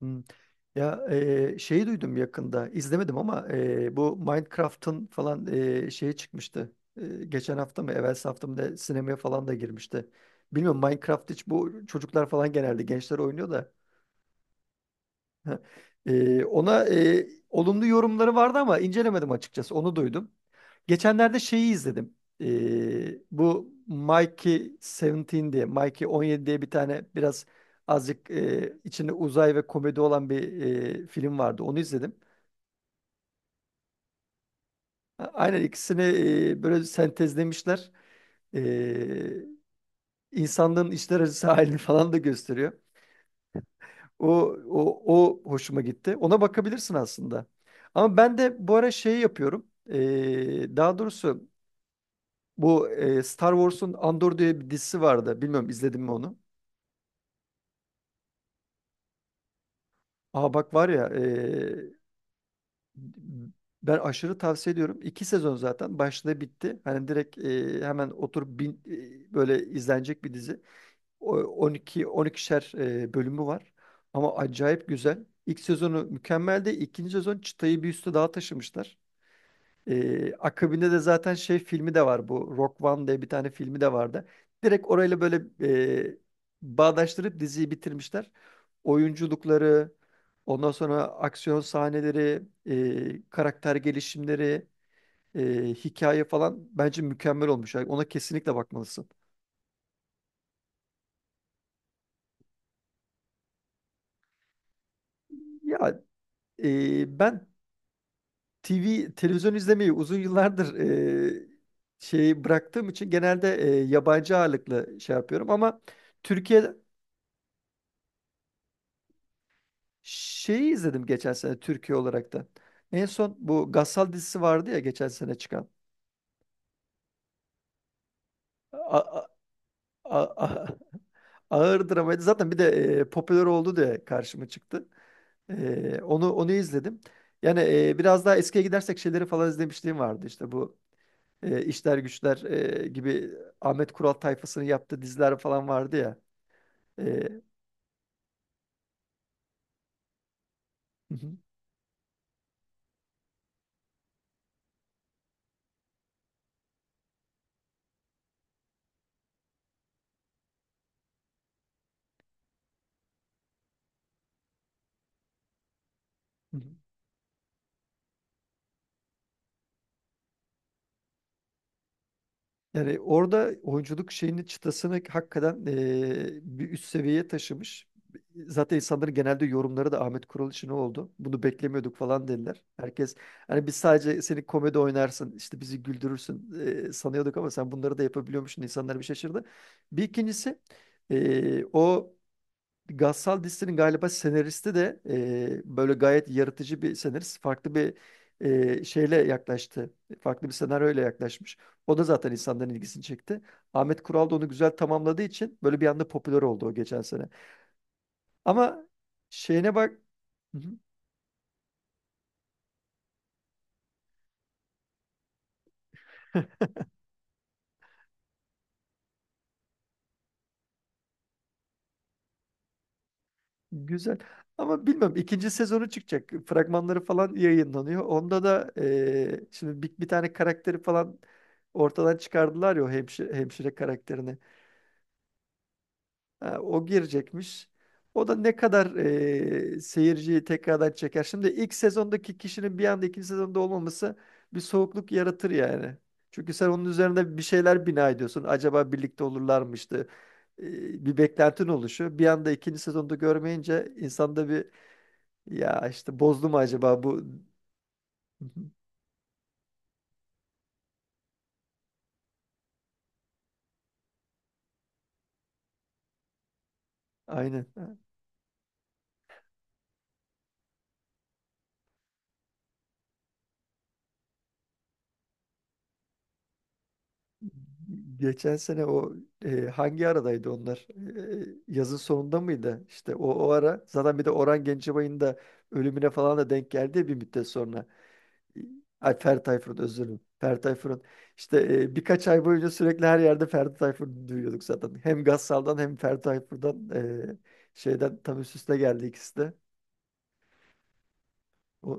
Hmm. Ya, şeyi duydum yakında izlemedim ama bu Minecraft'ın falan şeyi çıkmıştı. Geçen hafta mı evvelsi hafta mı da sinemaya falan da girmişti. Bilmiyorum, Minecraft hiç, bu çocuklar falan genelde gençler oynuyor da. Ha, ona olumlu yorumları vardı ama incelemedim açıkçası. Onu duydum. Geçenlerde şeyi izledim. E, Bu Mikey 17 diye, Mikey 17 diye bir tane biraz azıcık içinde uzay ve komedi olan bir film vardı. Onu izledim. Aynen ikisini böyle sentezlemişler. E, insanlığın içler acısı halini falan da gösteriyor. O, o hoşuma gitti. Ona bakabilirsin aslında. Ama ben de bu ara şey yapıyorum. Daha doğrusu bu Star Wars'un Andor diye bir dizisi vardı. Bilmiyorum izledim mi onu? Aa, bak var ya, ben aşırı tavsiye ediyorum. İki sezon zaten başladı bitti. Hani direkt hemen oturup, böyle izlenecek bir dizi. 12 12'şer bölümü var. Ama acayip güzel. İlk sezonu mükemmeldi. İkinci sezon çıtayı bir üstü daha taşımışlar. Akabinde de zaten şey filmi de var, bu Rock One diye bir tane filmi de vardı. Direkt orayla böyle e, bağdaştırıp diziyi bitirmişler. Oyunculukları, ondan sonra aksiyon sahneleri, karakter gelişimleri, hikaye falan bence mükemmel olmuş. Yani ona kesinlikle bakmalısın. Ya, ben TV televizyon izlemeyi uzun yıllardır e, şey bıraktığım için genelde yabancı ağırlıklı şey yapıyorum ama Türkiye şeyi izledim geçen sene, Türkiye olarak da. En son bu Gassal dizisi vardı ya, geçen sene çıkan. A- a- a- a- ağır dramaydı. Zaten bir de popüler oldu diye karşıma çıktı. Onu izledim. Yani, biraz daha eskiye gidersek şeyleri falan izlemişliğim vardı. İşte bu İşler Güçler gibi Ahmet Kural tayfasının yaptığı diziler falan vardı ya. E, hı hı, hı hı. Yani orada oyunculuk şeyini, çıtasını hakikaten bir üst seviyeye taşımış. Zaten insanların genelde yorumları da Ahmet Kural için oldu. Bunu beklemiyorduk falan dediler. Herkes hani, biz sadece seni komedi oynarsın, işte bizi güldürürsün sanıyorduk ama sen bunları da yapabiliyormuşsun. İnsanlar bir şaşırdı. Bir ikincisi, o Gassal dizisinin galiba senaristi de böyle gayet yaratıcı bir senarist. Farklı bir şeyle yaklaştı. Farklı bir senaryoyla yaklaşmış. O da zaten insanların ilgisini çekti. Ahmet Kural da onu güzel tamamladığı için böyle bir anda popüler oldu o, geçen sene. Ama şeyine bak... Hı hı. Güzel. Ama bilmiyorum, ikinci sezonu çıkacak. Fragmanları falan yayınlanıyor. Onda da şimdi bir tane karakteri falan ortadan çıkardılar ya, o hemşire karakterini. Ha, o girecekmiş. O da ne kadar seyirciyi tekrardan çeker. Şimdi ilk sezondaki kişinin bir anda ikinci sezonda olmaması bir soğukluk yaratır yani. Çünkü sen onun üzerine bir şeyler bina ediyorsun. Acaba birlikte olurlarmıştı. Bir beklentin oluşuyor. Bir anda ikinci sezonda görmeyince insanda bir, ya işte bozdu mu acaba bu? Aynen. Geçen sene o, hangi aradaydı onlar? Yazın sonunda mıydı? İşte o ara zaten bir de Orhan Gencebay'ın da ölümüne falan da denk geldi bir müddet sonra. E, Ay, Ferdi Tayfur'un, özür dilerim. Ferdi Tayfur'un işte birkaç ay boyunca sürekli her yerde Ferdi Tayfur'u duyuyorduk zaten. Hem Gassal'dan hem Ferdi Tayfur'dan e, şeyden tam üst üste geldi ikisi de. O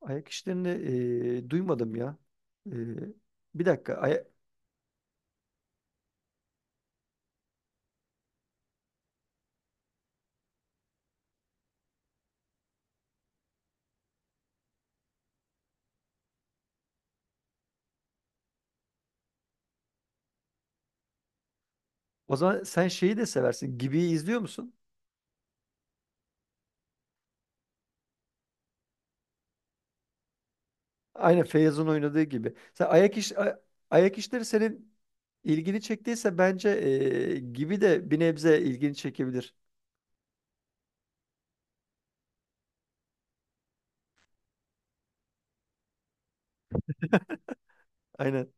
ayak işlerini duymadım ya. E, Bir dakika. O zaman sen şeyi de seversin. Gibi'yi izliyor musun? Aynen, Feyyaz'ın oynadığı gibi. Sen ayak işleri senin ilgini çektiyse bence gibi de bir nebze ilgini çekebilir. Aynen.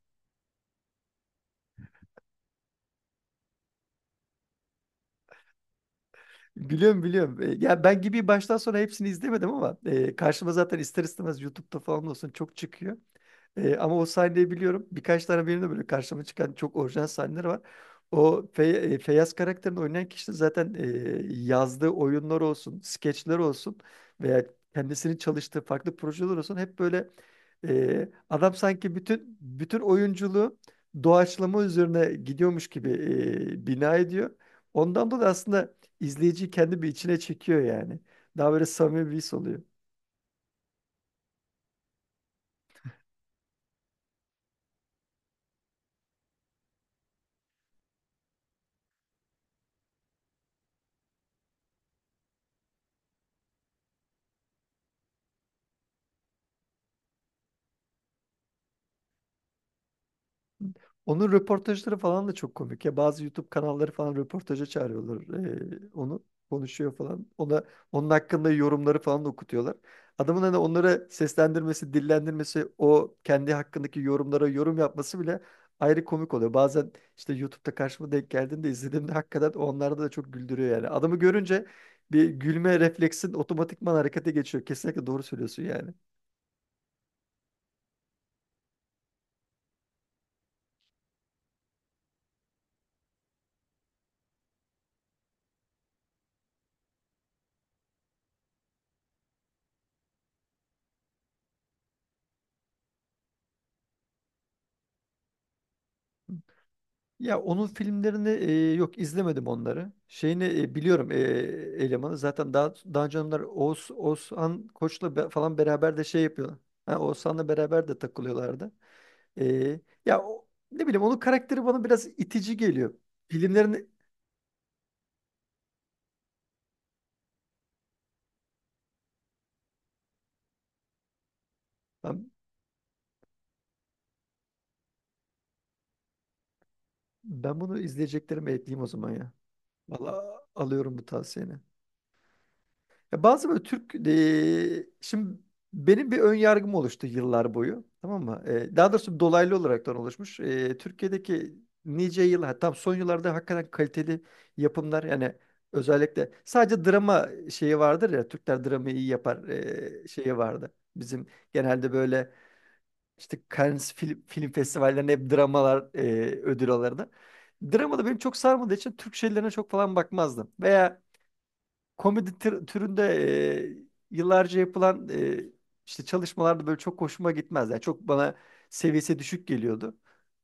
Biliyorum, biliyorum. Ya, ben gibi baştan sona hepsini izlemedim ama karşıma zaten, ister istemez, YouTube'da falan olsun çok çıkıyor. Ama o sahneyi biliyorum. Birkaç tane benim de böyle karşıma çıkan çok orijinal sahneler var. O Feyyaz karakterini oynayan kişi de zaten, yazdığı oyunlar olsun, skeçler olsun, veya kendisinin çalıştığı farklı projeler olsun, hep böyle adam sanki bütün bütün oyunculuğu doğaçlama üzerine gidiyormuş gibi bina ediyor. Ondan dolayı aslında izleyiciyi kendi bir içine çekiyor yani. Daha böyle samimi bir his oluyor. Onun röportajları falan da çok komik ya. Bazı YouTube kanalları falan röportaja çağırıyorlar onu. Konuşuyor falan. Onun hakkında yorumları falan da okutuyorlar. Adamın hani onlara seslendirmesi, dillendirmesi, o kendi hakkındaki yorumlara yorum yapması bile ayrı komik oluyor. Bazen işte YouTube'da karşıma denk geldiğinde, izlediğimde hakikaten, onlarda da çok güldürüyor yani. Adamı görünce bir gülme refleksin otomatikman harekete geçiyor. Kesinlikle doğru söylüyorsun yani. Ya, onun filmlerini, yok, izlemedim onları. Şeyini, biliyorum, elemanı. Zaten daha önce onlar Oğuzhan Koç'la falan beraber de şey yapıyorlar. Ha, Oğuzhan'la beraber de takılıyorlardı. E, Ya o, ne bileyim, onun karakteri bana biraz itici geliyor. Filmlerini ben, ben bunu izleyeceklerime ekleyeyim o zaman ya. Vallahi alıyorum bu tavsiyeni. Ya, bazı böyle Türk, şimdi benim bir ön yargım oluştu yıllar boyu. Tamam mı? Daha doğrusu dolaylı olaraktan oluşmuş. Türkiye'deki nice yıl, ha, tam son yıllarda hakikaten kaliteli yapımlar, yani özellikle sadece drama şeyi vardır ya, Türkler dramayı iyi yapar, şeyi vardı. Bizim genelde böyle işte Cannes film festivallerinde hep dramalar ödül alırdı. Drama da benim çok sarmadığı için Türk şeylerine çok falan bakmazdım. Veya komedi türünde yıllarca yapılan işte çalışmalarda böyle çok hoşuma gitmez. Yani çok bana seviyesi düşük geliyordu.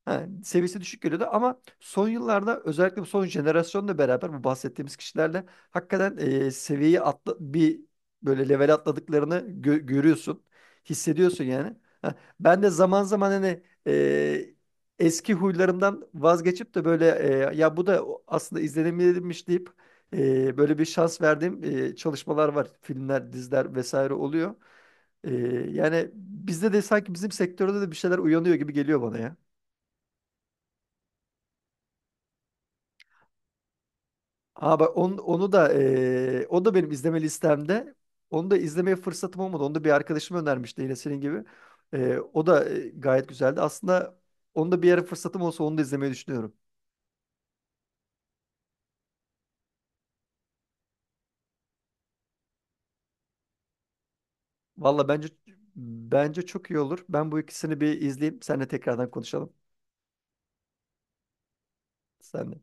Ha, seviyesi düşük geliyordu ama son yıllarda, özellikle bu son jenerasyonla beraber, bu bahsettiğimiz kişilerle hakikaten bir böyle level atladıklarını görüyorsun. Hissediyorsun yani. Ha, ben de zaman zaman hani, eski huylarımdan vazgeçip de böyle, ya bu da aslında izlenilmiş deyip, böyle bir şans verdiğim çalışmalar var. Filmler, diziler vesaire oluyor. Ee, Yani bizde de, sanki bizim sektörde de bir şeyler uyanıyor gibi geliyor bana ya. Aa, bak, onu da o da benim izleme listemde. Onu da izlemeye fırsatım olmadı. Onu da bir arkadaşım önermişti, yine senin gibi. O da gayet güzeldi. Aslında onu da bir ara fırsatım olsa onu da izlemeyi düşünüyorum. Valla bence çok iyi olur. Ben bu ikisini bir izleyeyim. Seninle tekrardan konuşalım. Senle.